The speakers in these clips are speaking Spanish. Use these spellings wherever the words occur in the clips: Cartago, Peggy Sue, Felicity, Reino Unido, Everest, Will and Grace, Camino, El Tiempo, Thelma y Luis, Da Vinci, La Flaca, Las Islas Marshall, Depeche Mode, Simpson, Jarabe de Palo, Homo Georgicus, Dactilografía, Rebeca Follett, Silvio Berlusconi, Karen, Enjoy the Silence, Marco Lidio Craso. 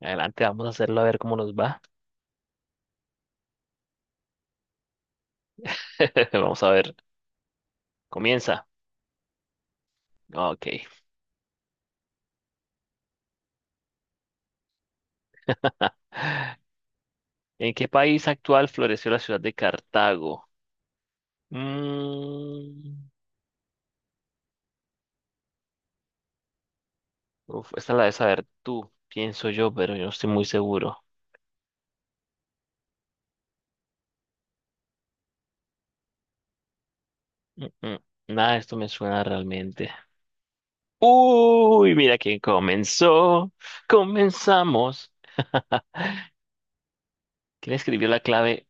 Adelante, vamos a hacerlo a ver cómo nos va. Vamos a ver. Comienza. Ah, ok. ¿En qué país actual floreció la ciudad de Cartago? Mm, uf, esta la debes saber tú, pienso yo, pero yo no estoy muy seguro. Mm, mm, Nada de esto me suena realmente. Uy, mira quién comenzó. Comenzamos. ¿Quién escribió la clave?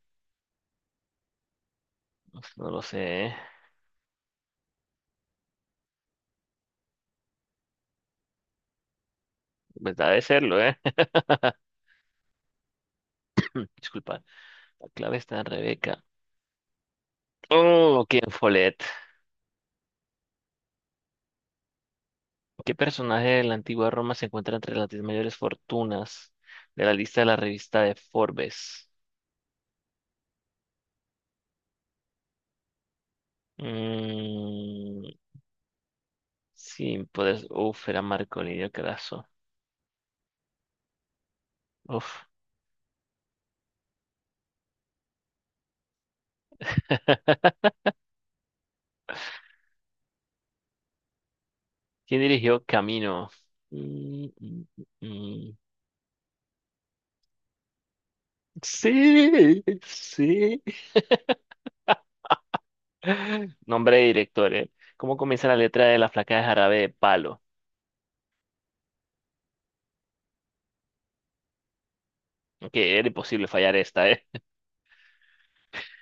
Uf, no lo sé, ¿eh? Pues debe serlo, ¿eh? Disculpa. La clave está en Rebeca. Oh, quién Follett. ¿Qué personaje de la antigua Roma se encuentra entre las 10 mayores fortunas de la lista de la revista de Forbes? Mm, sí, puedes. Uf, era Marco Lidio Craso. Uf. ¿Quién dirigió Camino? Mm, mm, mm, mm. Sí, sí. Nombre de director, ¿eh? ¿Cómo comienza la letra de la flaca de jarabe de palo? Ok, era imposible fallar esta, ¿eh?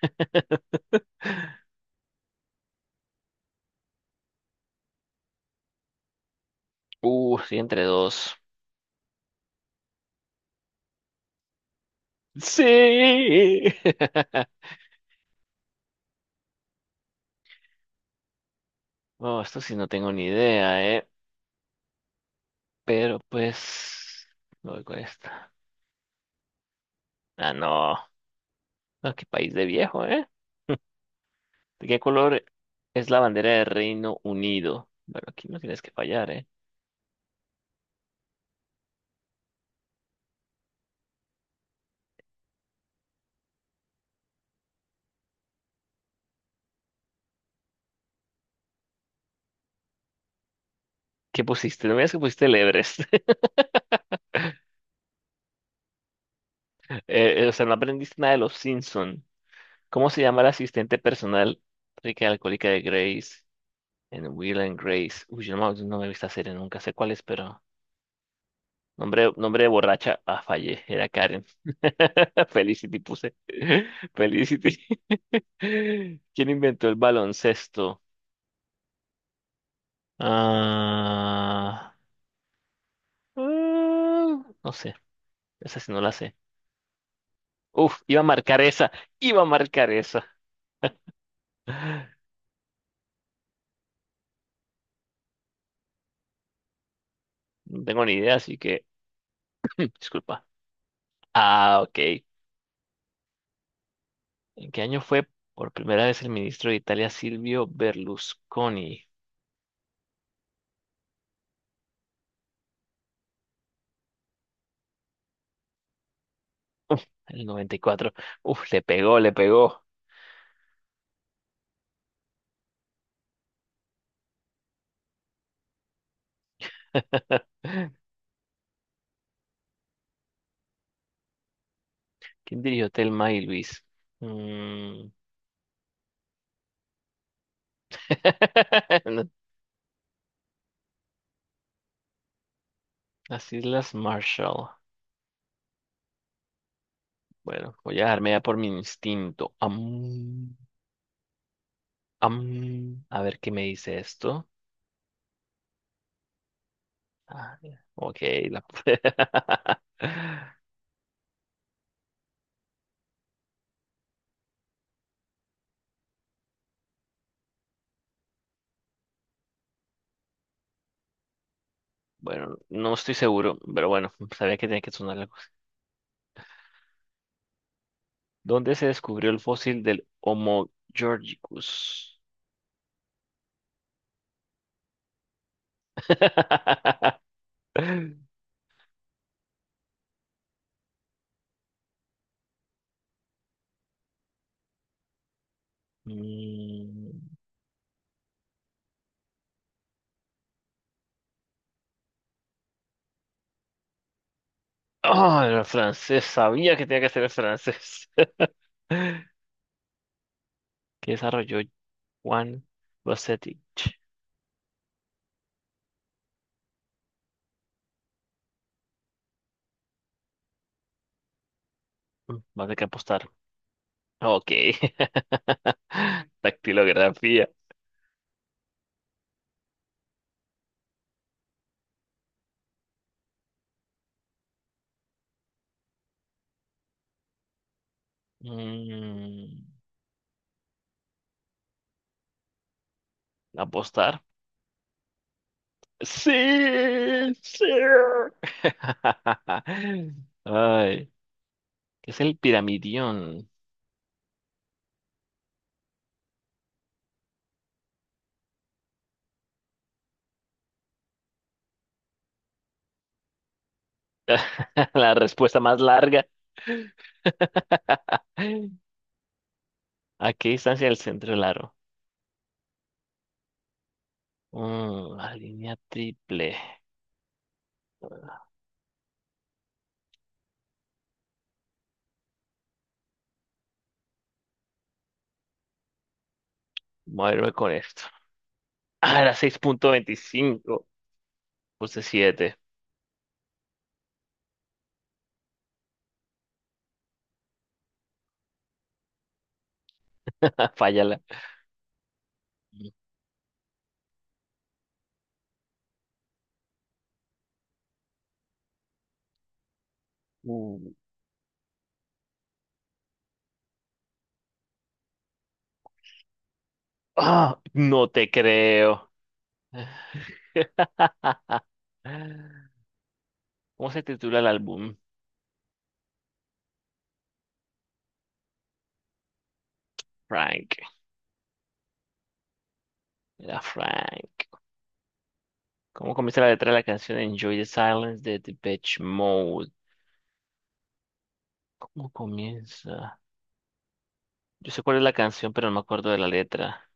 Sí, entre dos. Sí. Oh, esto sí no tengo ni idea, ¿eh? Pero pues... me voy con esta. Ah, no. Ah, qué país de viejo, ¿eh? ¿De qué color es la bandera del Reino Unido? Bueno, aquí no tienes que fallar, ¿eh? ¿Qué pusiste? No me digas que pusiste el Everest. O sea, no aprendiste nada de los Simpson. ¿Cómo se llama la asistente personal rica y alcohólica de Grace en Will and Grace? Uy, yo no, me no me he visto esa serie, nunca sé cuál es, pero... Nombre, nombre de borracha. Ah, fallé. Era Karen. Felicity puse. Felicity. ¿Quién inventó el baloncesto? Ah, ah, no sé. Esa sí no la sé. Uf, iba a marcar esa. Iba a marcar esa. No tengo ni idea, así que disculpa. Ah, ok. ¿En qué año fue por primera vez el ministro de Italia Silvio Berlusconi? El 94. Uf, le pegó, le pegó. ¿Quién dirigió Thelma y Luis? Mm, no, Las Islas Marshall. Bueno, voy a dejarme ya por mi instinto. A ver qué me dice esto. Ah, mira, ok. La- Bueno, no estoy seguro, pero bueno, sabía que tenía que sonar algo. ¿Dónde se descubrió el fósil del Homo Georgicus? Mm, ah, era francés. Sabía que tenía que ser francés. Que desarrolló Juan Bocetich. Vas a tener que apostar. Ok. Dactilografía. Mm, ¿Apostar? Sí, sí. Ay, ¿qué es el piramidión? La respuesta más larga. ¿A qué distancia del centro del aro? La línea triple. Voy a moverme con esto. Ah, era 6,25. Puse 7. Fállala. Uh, ah, no te creo. ¿Cómo se titula el álbum? Frank. Era Frank. ¿Cómo comienza la letra de la canción Enjoy the Silence de Depeche Mode? ¿Cómo comienza? Yo sé cuál es la canción, pero no me acuerdo de la letra.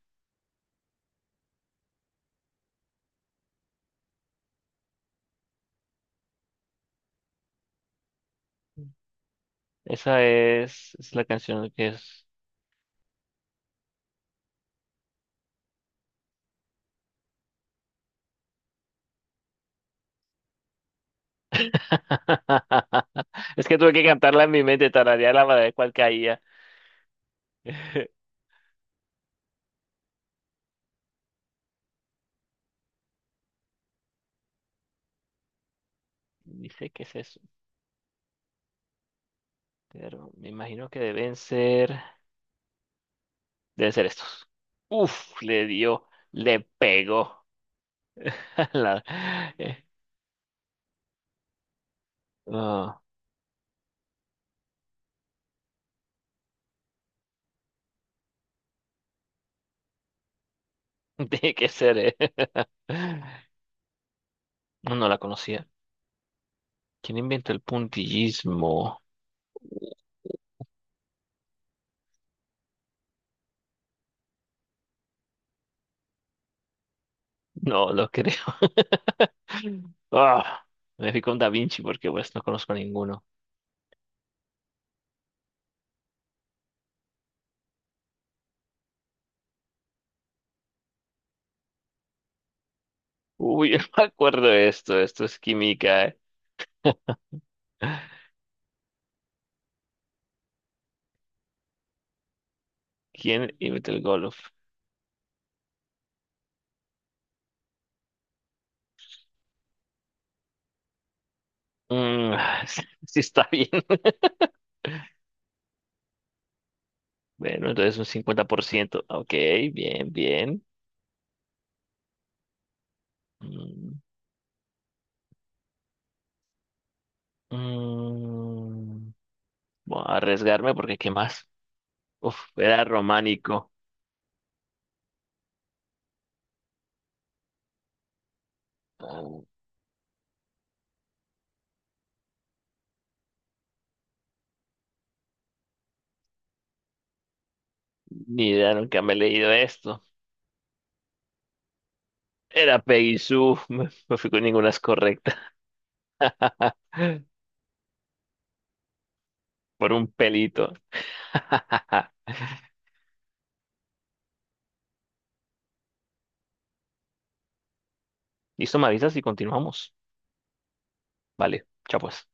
Esa es la canción que es. Es que tuve que cantarla en mi mente, tararearla para ver cuál caía. Dice qué es eso, pero me imagino que deben ser. Debe ser estos. Uf, le dio, le pegó. La- eh, ah, tiene que ser, eh. No, no la conocía. ¿Quién inventó el puntillismo? No lo creo. Ah, me fui con Da Vinci porque pues no conozco a ninguno. Uy, yo no me acuerdo de esto. Esto es química, eh. ¿Quién inventó el golf? Mm, sí, sí está bien. Bueno, entonces un 50%. Ok, bien, bien. Mm. Mm, voy a arriesgarme porque ¿qué más? Uf, era románico. Ah, ni idea, nunca me he leído esto. Era Peggy Sue. No, no fui con ninguna es correcta. Por un pelito. Listo, me avisas y continuamos. Vale, chao pues.